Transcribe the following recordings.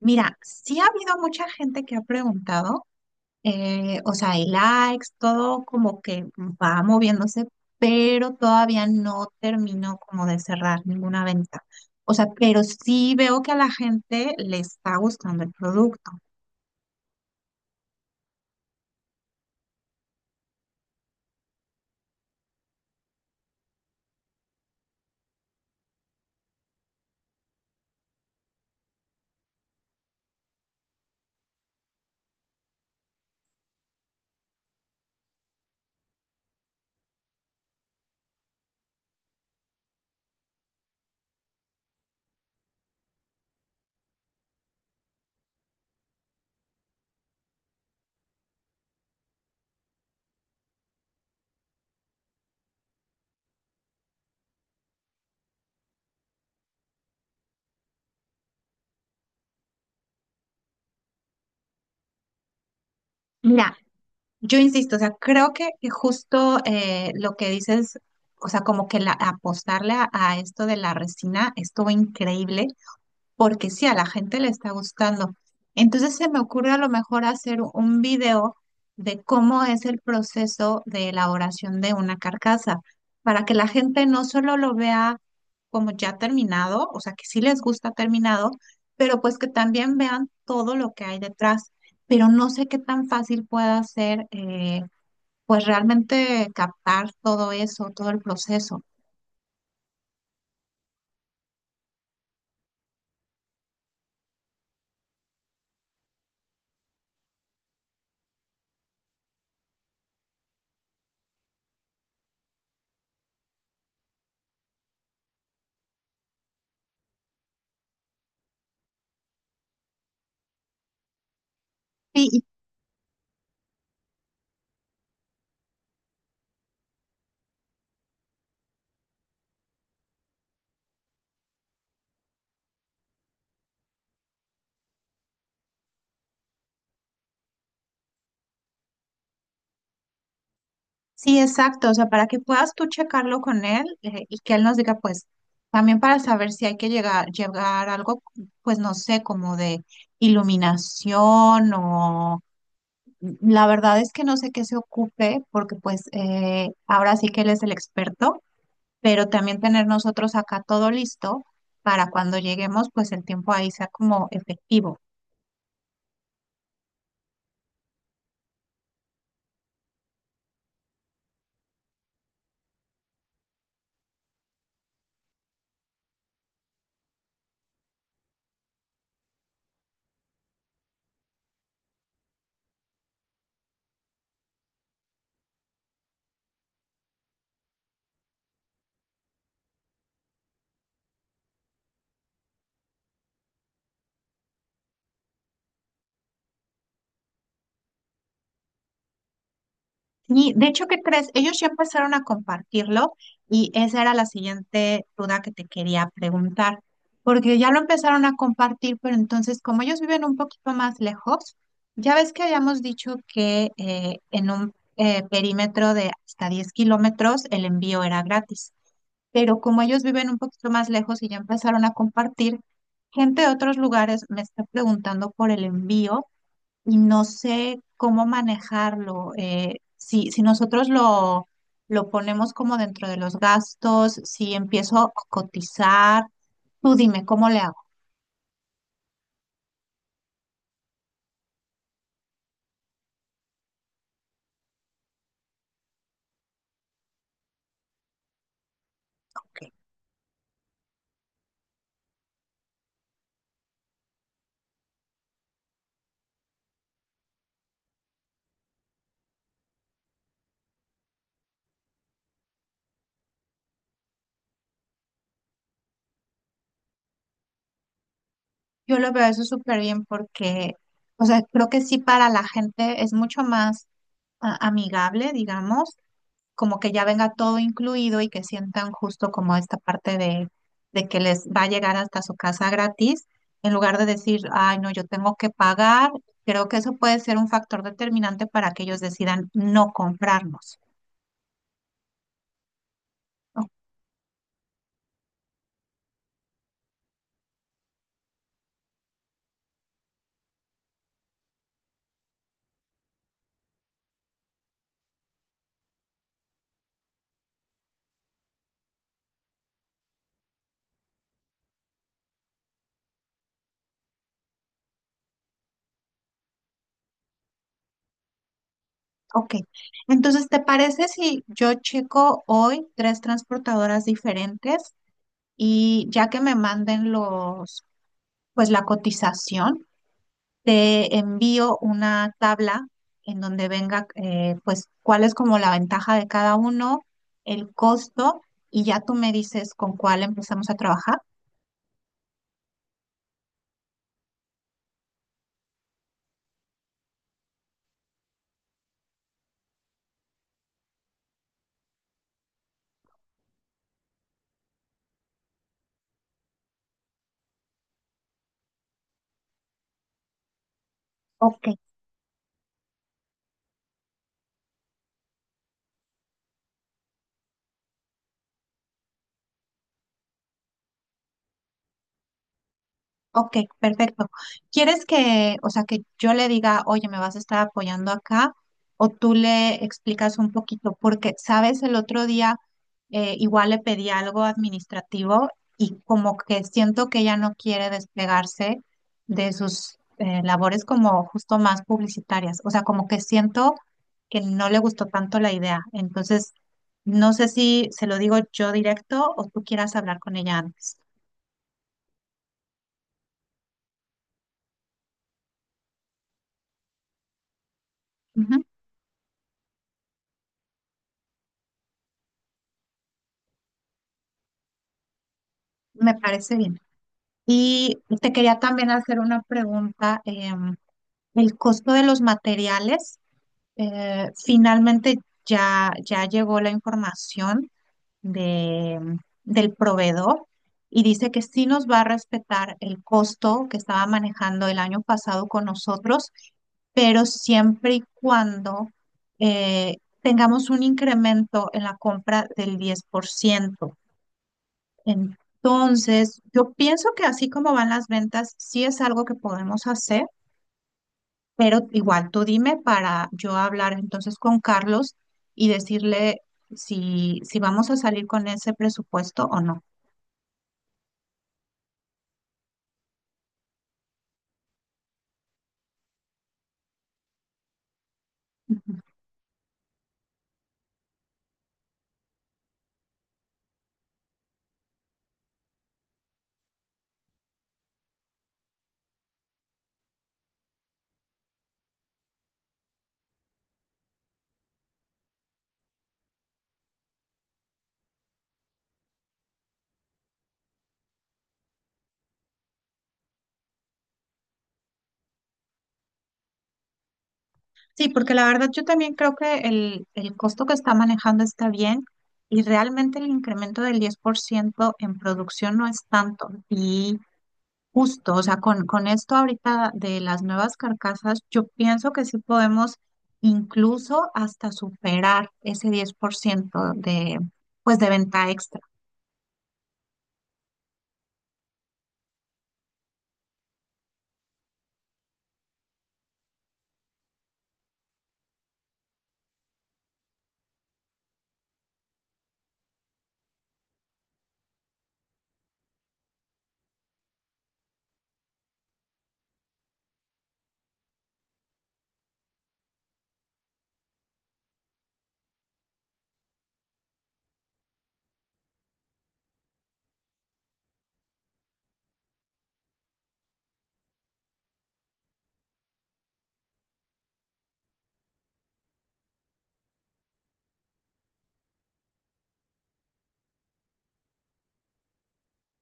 Mira, sí ha habido mucha gente que ha preguntado, o sea, hay likes, todo como que va moviéndose, pero todavía no termino como de cerrar ninguna venta. O sea, pero sí veo que a la gente le está gustando el producto. Mira, yo insisto, o sea, creo que justo lo que dices, o sea, como que la, apostarle a esto de la resina estuvo increíble porque sí, a la gente le está gustando. Entonces se me ocurre a lo mejor hacer un video de cómo es el proceso de elaboración de una carcasa, para que la gente no solo lo vea como ya terminado, o sea, que sí les gusta terminado, pero pues que también vean todo lo que hay detrás. Pero no sé qué tan fácil pueda ser, pues realmente captar todo eso, todo el proceso. Sí, sí, exacto, o sea, para que puedas tú checarlo con él, y que él nos diga, pues, también para saber si hay que llegar a algo, pues, no sé, como de iluminación o la verdad es que no sé qué se ocupe, porque pues ahora sí que él es el experto, pero también tener nosotros acá todo listo para cuando lleguemos, pues el tiempo ahí sea como efectivo. Sí, de hecho, ¿qué crees? Ellos ya empezaron a compartirlo y esa era la siguiente duda que te quería preguntar, porque ya lo empezaron a compartir, pero entonces como ellos viven un poquito más lejos, ya ves que habíamos dicho que en un perímetro de hasta 10 kilómetros el envío era gratis, pero como ellos viven un poquito más lejos y ya empezaron a compartir, gente de otros lugares me está preguntando por el envío y no sé cómo manejarlo. Si nosotros lo ponemos como dentro de los gastos, si empiezo a cotizar, tú dime cómo le hago. Ok. Yo lo veo eso súper bien porque, o sea, creo que sí para la gente es mucho más amigable, digamos, como que ya venga todo incluido y que sientan justo como esta parte de que les va a llegar hasta su casa gratis, en lugar de decir, ay, no, yo tengo que pagar. Creo que eso puede ser un factor determinante para que ellos decidan no comprarnos. O- Ok, entonces, ¿te parece si yo checo hoy tres transportadoras diferentes y ya que me manden pues, la cotización? Te envío una tabla en donde venga, pues, cuál es como la ventaja de cada uno, el costo, y ya tú me dices con cuál empezamos a trabajar. Ok, ok, perfecto. ¿Quieres que, o sea, que yo le diga, oye, me vas a estar apoyando acá? O tú le explicas un poquito, porque, sabes, el otro día igual le pedí algo administrativo y como que siento que ella no quiere despegarse de sus labores como justo más publicitarias. O sea, como que siento que no le gustó tanto la idea. Entonces, no sé si se lo digo yo directo o tú quieras hablar con ella antes. Ujú. Me parece bien. Y te quería también hacer una pregunta. El costo de los materiales, finalmente ya llegó la información de, del proveedor y dice que sí nos va a respetar el costo que estaba manejando el año pasado con nosotros, pero siempre y cuando tengamos un incremento en la compra del 10%. Entonces, yo pienso que así como van las ventas, sí es algo que podemos hacer, pero igual tú dime para yo hablar entonces con Carlos y decirle si vamos a salir con ese presupuesto o no. Ujú. Sí, porque la verdad yo también creo que el costo que está manejando está bien y realmente el incremento del 10% en producción no es tanto. Y justo, o sea, con esto ahorita de las nuevas carcasas, yo pienso que sí podemos incluso hasta superar ese 10% de, pues, de venta extra.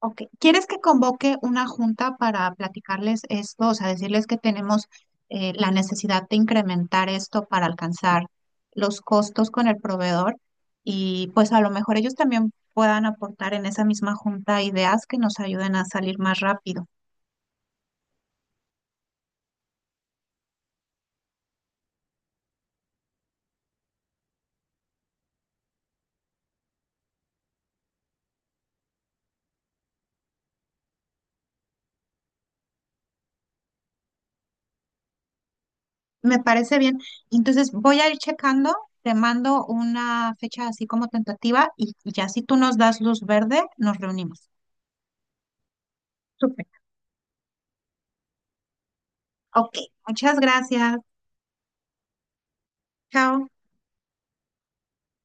Ok, ¿quieres que convoque una junta para platicarles esto? O sea, decirles que tenemos la necesidad de incrementar esto para alcanzar los costos con el proveedor y pues a lo mejor ellos también puedan aportar en esa misma junta ideas que nos ayuden a salir más rápido. Me parece bien. Entonces voy a ir checando, te mando una fecha así como tentativa y ya si tú nos das luz verde, nos reunimos. Súper. Ok, muchas gracias. Chao.